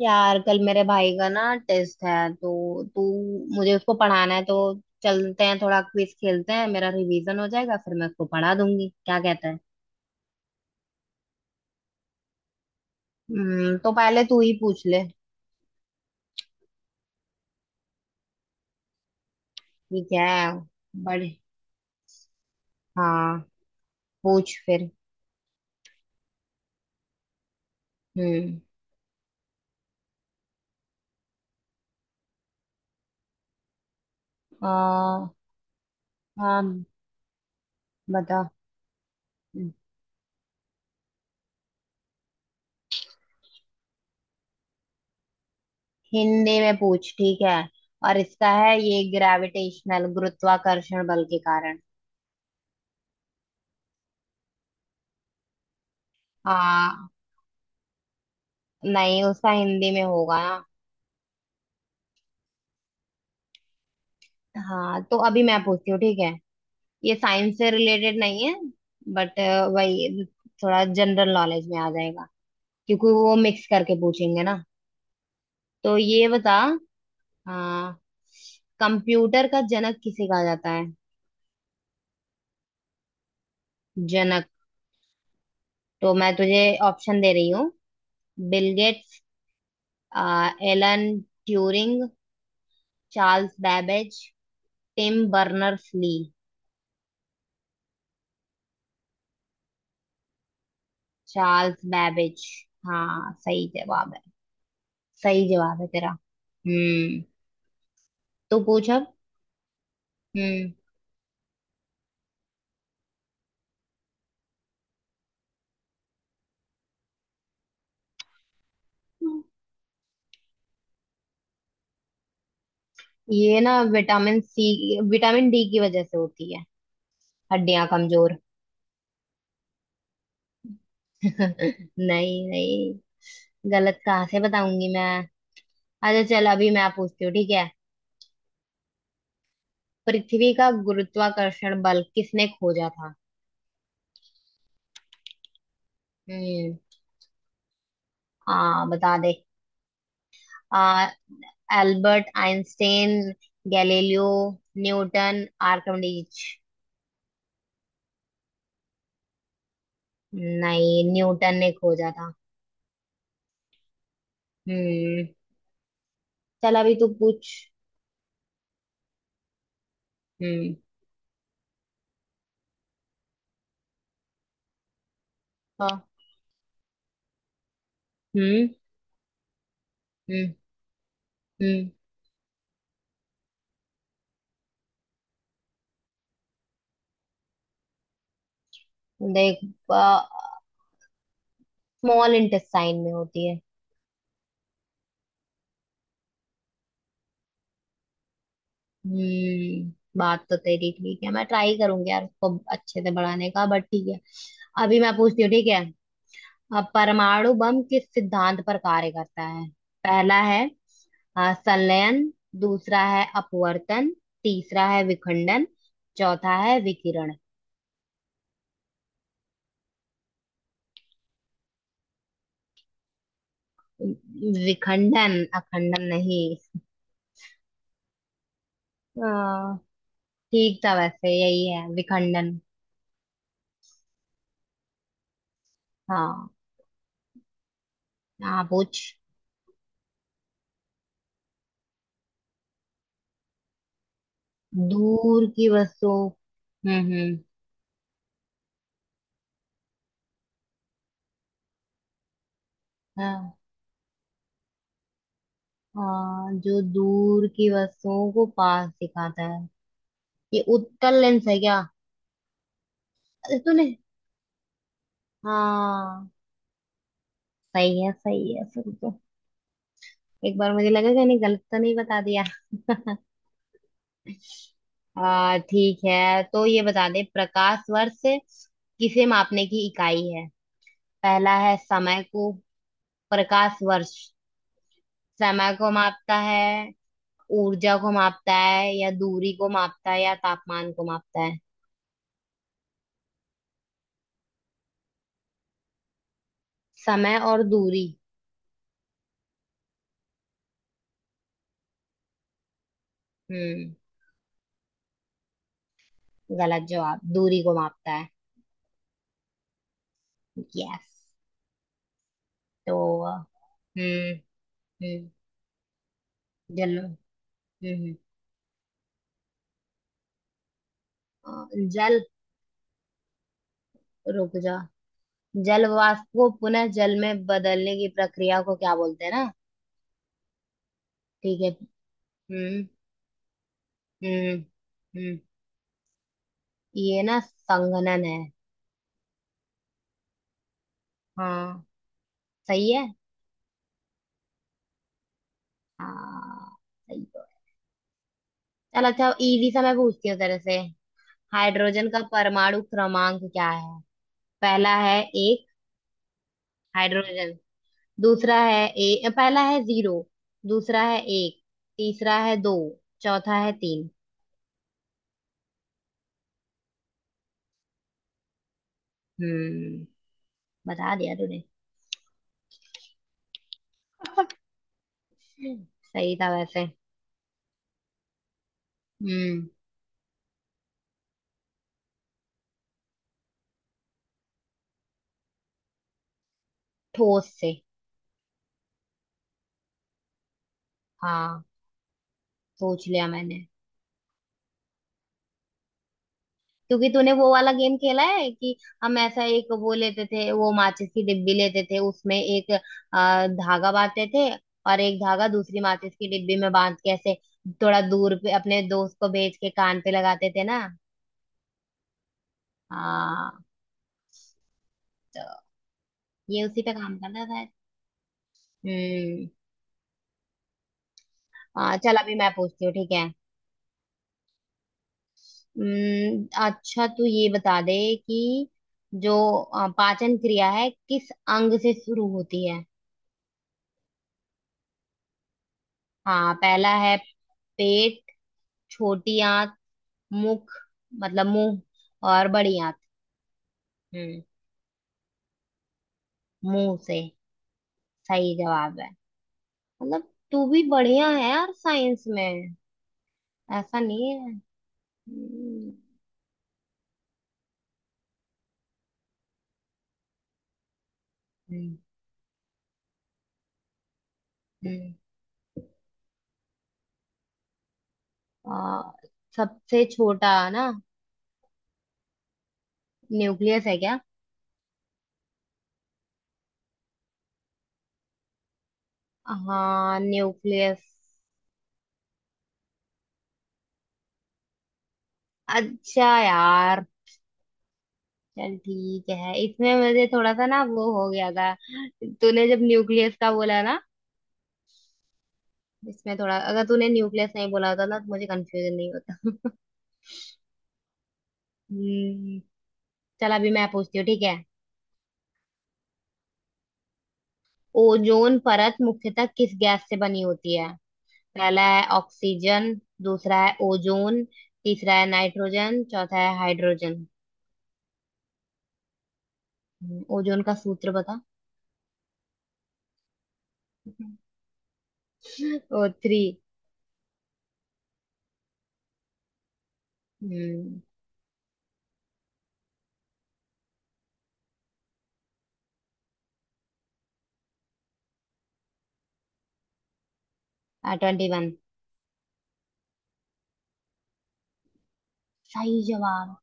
यार कल मेरे भाई का ना टेस्ट है तो तू मुझे उसको पढ़ाना है तो चलते हैं थोड़ा क्विज खेलते हैं। मेरा रिवीजन हो जाएगा फिर मैं उसको पढ़ा दूंगी। क्या कहता है। तो पहले तू ही पूछ ले। ठीक है। बड़े। हाँ पूछ फिर। हम्म। आ, हाँ बता। हिंदी में पूछ ठीक है। और इसका है ये ग्रेविटेशनल गुरुत्वाकर्षण बल के कारण। हाँ। नहीं उसका हिंदी में होगा ना। हाँ तो अभी मैं पूछती हूँ ठीक है। ये साइंस से रिलेटेड नहीं है, बट वही थोड़ा जनरल नॉलेज में आ जाएगा क्योंकि वो मिक्स करके पूछेंगे ना। तो ये बता। हाँ कंप्यूटर का जनक किसे कहा जाता है। जनक। तो मैं तुझे ऑप्शन दे रही हूँ। Bill Gates, Alan Turing, Charles Babbage, Tim Berners Lee. Charles Babbage. हाँ सही जवाब है। सही जवाब है तेरा। हम्म। तू पूछ अब। हम्म। ये ना विटामिन सी विटामिन डी की वजह से होती है, हड्डियां कमजोर। नहीं नहीं, गलत कहाँ से बताऊंगी मैं। अच्छा चल अभी मैं पूछती हूँ ठीक है। पृथ्वी का गुरुत्वाकर्षण बल किसने खोजा था। हम्म। आ बता दे। आ Albert Einstein, Galileo, Newton, Archimedes. नहीं न्यूटन ने खोजा था। हम्म। चल अभी तू पूछ। हम्म। हाँ। हम्म। हम्म। हम्म। देख स्मॉल इंटेस्टाइन में होती है। हम्म। बात तो तेरी ठीक है, मैं ट्राई करूंगी यार उसको अच्छे से बढ़ाने का, बट ठीक है। अभी मैं पूछती हूँ ठीक है। अब परमाणु बम किस सिद्धांत पर कार्य करता है। पहला है संलयन, दूसरा है अपवर्तन, तीसरा है विखंडन, चौथा है विकिरण। विखंडन, अखंडन नहीं। हाँ, ठीक था वैसे, यही है विखंडन। हाँ। हाँ पूछ। दूर की वस्तुओं। हम्म। हाँ, हाँ, जो दूर की वस्तुओं को पास दिखाता है, ये उत्तल लेंस है क्या। अरे तूने। हाँ सही है सही है, सुन तो। एक बार मुझे लगा कि नहीं, गलत तो नहीं बता दिया। आ ठीक है तो ये बता दे। प्रकाश वर्ष किसे मापने की इकाई है। पहला है समय को, प्रकाश वर्ष समय को मापता है, ऊर्जा को मापता है, या दूरी को मापता है, या तापमान को मापता है। समय और दूरी। हम्म। गलत जवाब, दूरी को मापता है। यस। तो हम्म। हम्म। जल। हम्म। अ, जल। रुक जा। जल वाष्प को पुनः जल में बदलने की प्रक्रिया को क्या बोलते हैं ना। ठीक है। हम्म हम्म हम्म। ये ना संघनन है। हाँ सही है। हाँ सही तो है। चल अच्छा, इजी सा मैं पूछती हूँ तेरे से। हाइड्रोजन का परमाणु क्रमांक क्या है। पहला है एक। हाइड्रोजन। दूसरा है ए, पहला है जीरो, दूसरा है एक, तीसरा है दो, चौथा है तीन। हम्म। बता दिया तूने। सही था वैसे। हम्म। ठोस से। हाँ। सोच लिया मैंने। क्योंकि तूने वो वाला गेम खेला है कि हम ऐसा एक वो लेते थे, वो माचिस की डिब्बी लेते थे, उसमें एक धागा बांधते थे, और एक धागा दूसरी माचिस की डिब्बी में बांध के ऐसे थोड़ा दूर पे अपने दोस्त को भेज के कान पे लगाते थे ना। हाँ। तो ये उसी पे काम करता था। हम्म। हाँ चल अभी मैं पूछती हूँ ठीक है। अच्छा, तू ये बता दे कि जो पाचन क्रिया है किस अंग से शुरू होती है। हाँ पहला है पेट, छोटी आंत, मुख मतलब मुंह, और बड़ी आंत। हम्म। मुंह से, सही जवाब है। मतलब। तू भी बढ़िया है यार साइंस में, ऐसा नहीं है। हम्म। हम्म। हम्म। आ, सबसे छोटा ना। न्यूक्लियस है क्या। हाँ न्यूक्लियस। अच्छा यार, चल ठीक है, इसमें मुझे थोड़ा सा ना वो हो गया था। तूने जब न्यूक्लियस का बोला ना, इसमें थोड़ा, अगर तूने न्यूक्लियस नहीं बोला होता ना तो मुझे कंफ्यूजन नहीं होता। हम्म। चल अभी मैं पूछती हूँ ठीक है। ओजोन परत मुख्यतः किस गैस से बनी होती है। पहला है ऑक्सीजन, दूसरा है ओजोन, तीसरा है नाइट्रोजन, चौथा है हाइड्रोजन। ओजोन का सूत्र बता। O3। हम्म। 21। सही जवाब।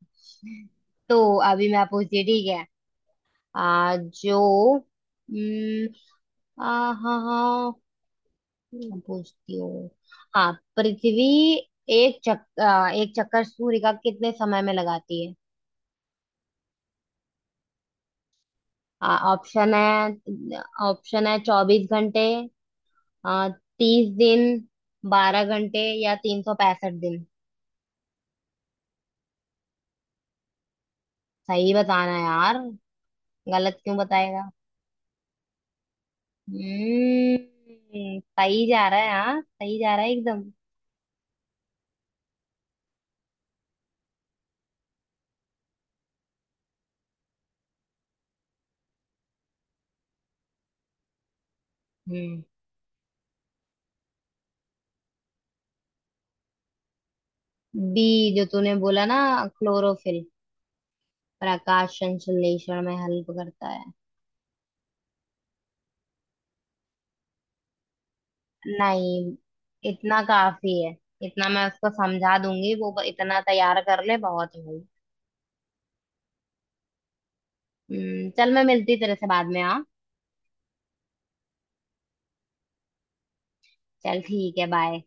तो अभी मैं पूछती हूँ ठीक है। आ, जो हम्म, हाँ हाँ मैं पूछती हूँ। हाँ पृथ्वी एक चक्कर सूर्य का कितने समय में लगाती है। ऑप्शन है। ऑप्शन है 24 घंटे, 30 दिन, 12 घंटे, या 365 दिन। सही बताना यार, गलत क्यों बताएगा। सही जा रहा है, हाँ सही जा रहा है एकदम। हम्म। बी, जो तूने बोला ना क्लोरोफिल, प्रकाश संश्लेषण में हेल्प करता है। नहीं, इतना काफी है, इतना मैं उसको समझा दूंगी। वो इतना तैयार कर ले, बहुत है भाई। चल मैं मिलती तेरे से बाद में हाँ। चल ठीक है, बाय।